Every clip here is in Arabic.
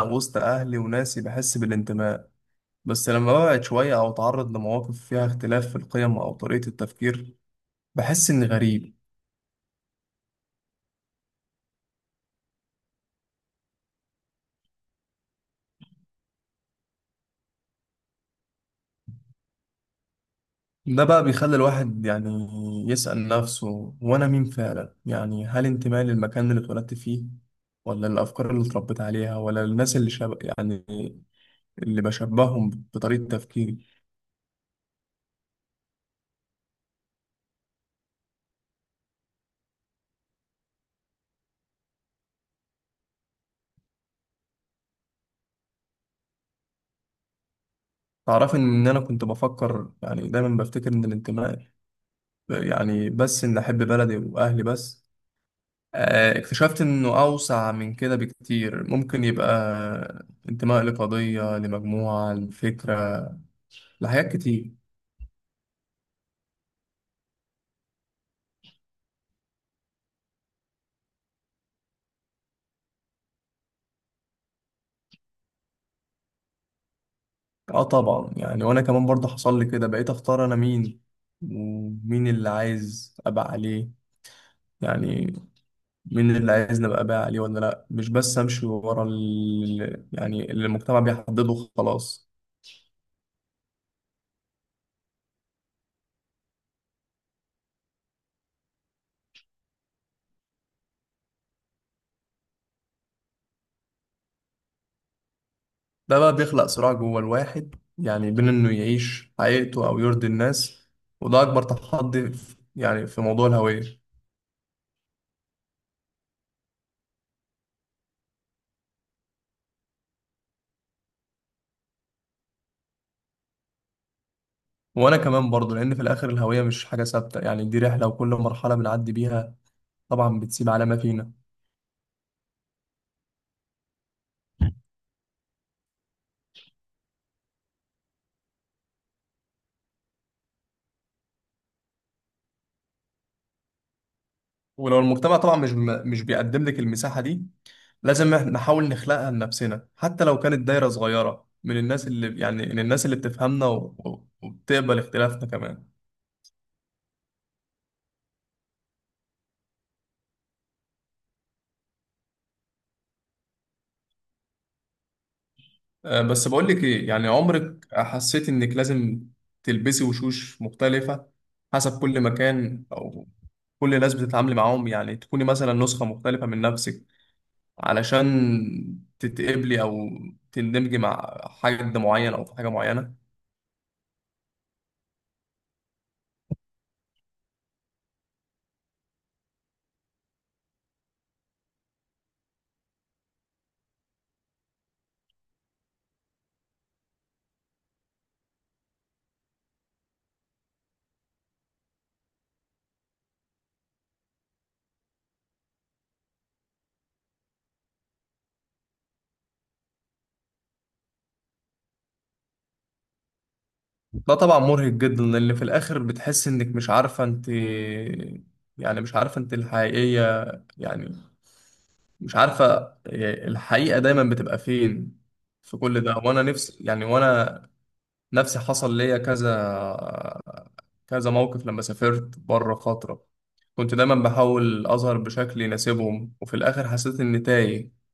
وسط أهلي وناسي بحس بالانتماء، بس لما ببعد شوية أو أتعرض لمواقف فيها اختلاف في القيم أو طريقة التفكير بحس إني غريب. ده بقى بيخلي الواحد يسأل نفسه، وأنا مين فعلا؟ هل انتمائي للمكان اللي اتولدت فيه، ولا الأفكار اللي اتربيت عليها، ولا الناس اللي شب... يعني اللي بشبههم بطريقة تفكيري؟ تعرف إن أنا كنت بفكر، دايما بفتكر إن الانتماء بس إن أحب بلدي وأهلي بس. اكتشفت انه اوسع من كده بكتير، ممكن يبقى انتماء لقضية، لمجموعة، لفكرة، لحاجات كتير. اه طبعا، وانا كمان برضه حصل لي كده، بقيت اختار انا مين، ومين اللي عايز ابقى عليه. يعني مين اللي عايز نبقى بقى عليه ولا لا، مش بس امشي ورا ال... يعني اللي المجتمع بيحدده خلاص. ده بقى بيخلق صراع جوه الواحد، يعني بين انه يعيش حقيقته او يرضي الناس، وده اكبر تحدي في موضوع الهوية. وانا كمان برضو، لان في الاخر الهوية مش حاجة ثابتة، يعني دي رحلة وكل مرحلة بنعدي بيها طبعا بتسيب علامة فينا. ولو المجتمع طبعا مش بيقدم لك المساحة دي، لازم إحنا نحاول نخلقها لنفسنا، حتى لو كانت دايرة صغيرة من الناس اللي من الناس اللي بتفهمنا وبتقبل اختلافنا كمان. بس بقول لك ايه، يعني عمرك حسيت انك لازم تلبسي وشوش مختلفة حسب كل مكان او كل ناس بتتعاملي معاهم؟ يعني تكوني مثلا نسخة مختلفة من نفسك علشان تتقبلي او تندمجي مع حد معين او في حاجه معينه. ده طبعا مرهق جدا، لان في الاخر بتحس انك مش عارفه انت، يعني مش عارفه انت الحقيقيه، يعني مش عارفه الحقيقه دايما بتبقى فين في كل ده. وانا نفسي، حصل ليا كذا كذا موقف لما سافرت بره فتره، كنت دايما بحاول اظهر بشكل يناسبهم وفي الاخر حسيت اني تايه.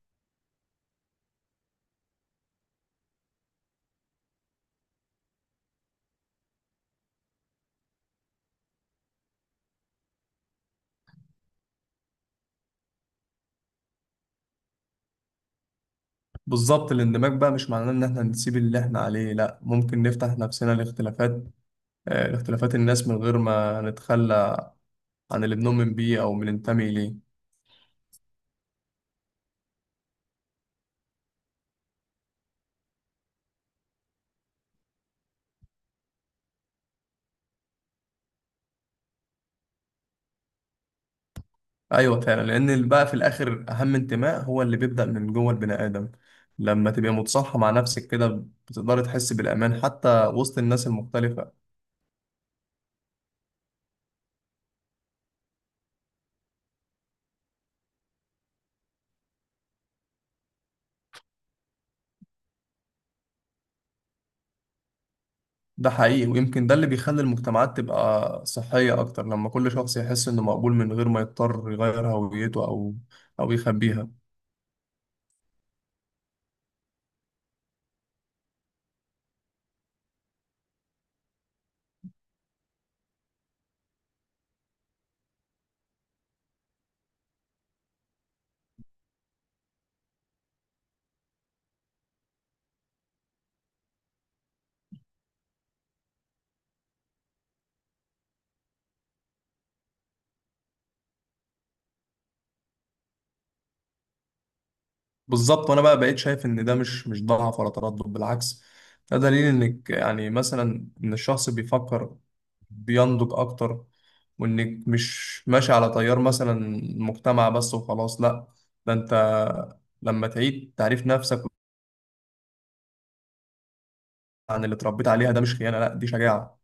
بالظبط، الاندماج بقى مش معناه ان احنا نسيب اللي احنا عليه، لا، ممكن نفتح نفسنا لاختلافات، لاختلافات الناس من غير ما نتخلى عن اللي بنؤمن بيه او بننتمي اليه. ايوه فعلا، لان اللي بقى في الاخر اهم انتماء هو اللي بيبدأ من جوه البني ادم، لما تبقى متصالحة مع نفسك كده بتقدر تحس بالامان حتى وسط الناس المختلفة. ده حقيقي، ويمكن ده اللي بيخلي المجتمعات تبقى صحية اكتر، لما كل شخص يحس انه مقبول من غير ما يضطر يغير هويته او او يخبيها. بالظبط، وانا بقى بقيت شايف ان ده مش ضعف ولا تردد، بالعكس، ده دليل انك يعني مثلا ان الشخص بيفكر، بينضج اكتر، وانك مش ماشي على تيار مثلا المجتمع بس وخلاص، لا، ده انت لما تعيد تعريف نفسك عن اللي اتربيت عليها، ده مش خيانة، لا، دي شجاعة.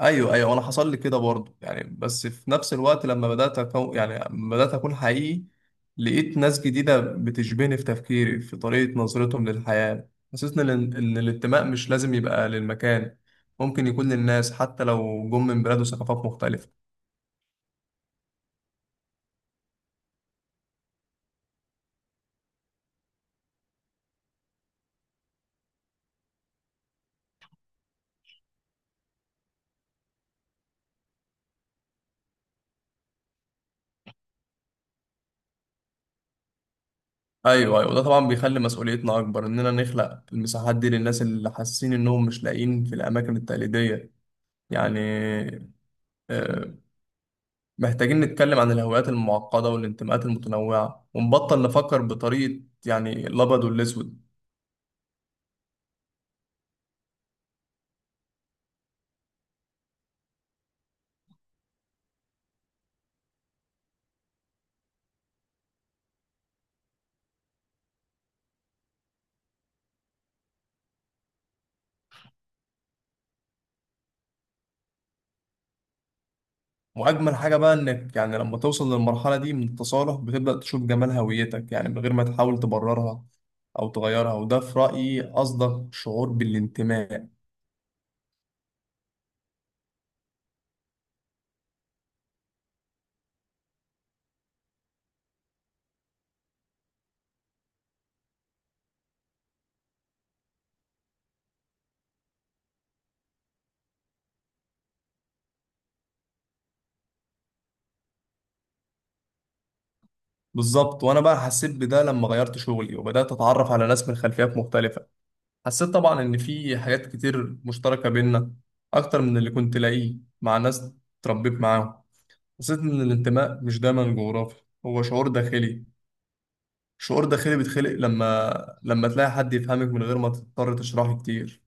ايوه ايوه انا حصل لي كده برضه، يعني بس في نفس الوقت لما بدات اكون حقيقي لقيت ناس جديده بتشبهني في تفكيري في طريقه نظرتهم للحياه، حسيت ان الانتماء مش لازم يبقى للمكان، ممكن يكون للناس حتى لو جم من بلاد وثقافات مختلفه. ايوه ايوه، ده طبعا بيخلي مسؤوليتنا اكبر اننا نخلق المساحات دي للناس اللي حاسين انهم مش لاقيين في الاماكن التقليديه. يعني آه، محتاجين نتكلم عن الهويات المعقدة والانتماءات المتنوعة، ونبطل نفكر بطريقة الأبيض والأسود. وأجمل حاجة بقى إنك يعني لما توصل للمرحلة دي من التصالح بتبدأ تشوف جمال هويتك يعني من غير ما تحاول تبررها أو تغيرها، وده في رأيي أصدق شعور بالانتماء. بالظبط، وأنا بقى حسيت بده لما غيرت شغلي وبدأت أتعرف على ناس من خلفيات مختلفة، حسيت طبعا إن في حاجات كتير مشتركة بينا أكتر من اللي كنت لاقيه مع ناس اتربيت معاهم. حسيت إن الانتماء مش دايما جغرافي، هو شعور داخلي، شعور داخلي بيتخلق لما تلاقي حد يفهمك من غير ما تضطر تشرحه كتير.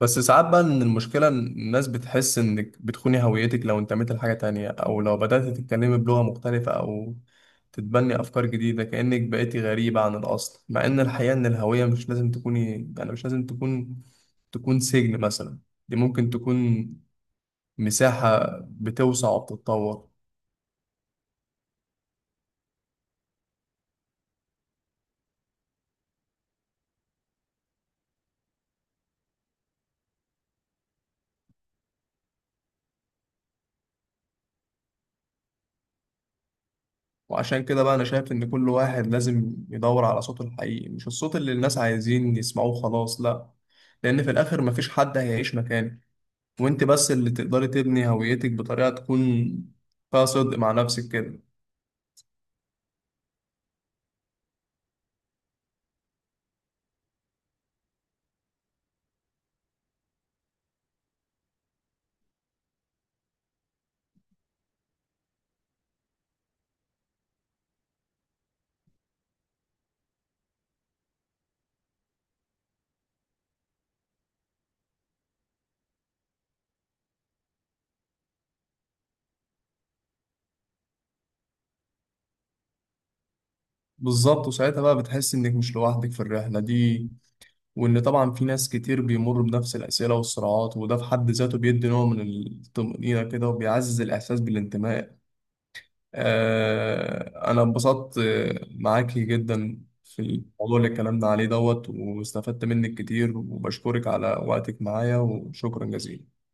بس ساعات بقى إن المشكلة إن الناس بتحس إنك بتخوني هويتك لو انتميت لحاجة تانية، أو لو بدأت تتكلمي بلغة مختلفة، أو تتبني أفكار جديدة، كأنك بقيتي غريبة عن الأصل، مع إن الحقيقة إن الهوية مش لازم تكوني يعني مش لازم تكون تكون سجن مثلا، دي ممكن تكون مساحة بتوسع وبتتطور. وعشان كده بقى أنا شايف إن كل واحد لازم يدور على صوته الحقيقي، مش الصوت اللي الناس عايزين يسمعوه، خلاص، لأ، لأن في الآخر مفيش حد هيعيش مكانك، وأنت بس اللي تقدري تبني هويتك بطريقة تكون فيها صدق مع نفسك كده. بالظبط، وساعتها بقى بتحس إنك مش لوحدك في الرحلة دي، وإن طبعا في ناس كتير بيمروا بنفس الأسئلة والصراعات، وده في حد ذاته بيدي نوع من الطمأنينة كده وبيعزز الإحساس بالانتماء. أنا انبسطت معاكي جدا في الموضوع اللي اتكلمنا عليه دوت، واستفدت منك كتير، وبشكرك على وقتك معايا، وشكرا جزيلا.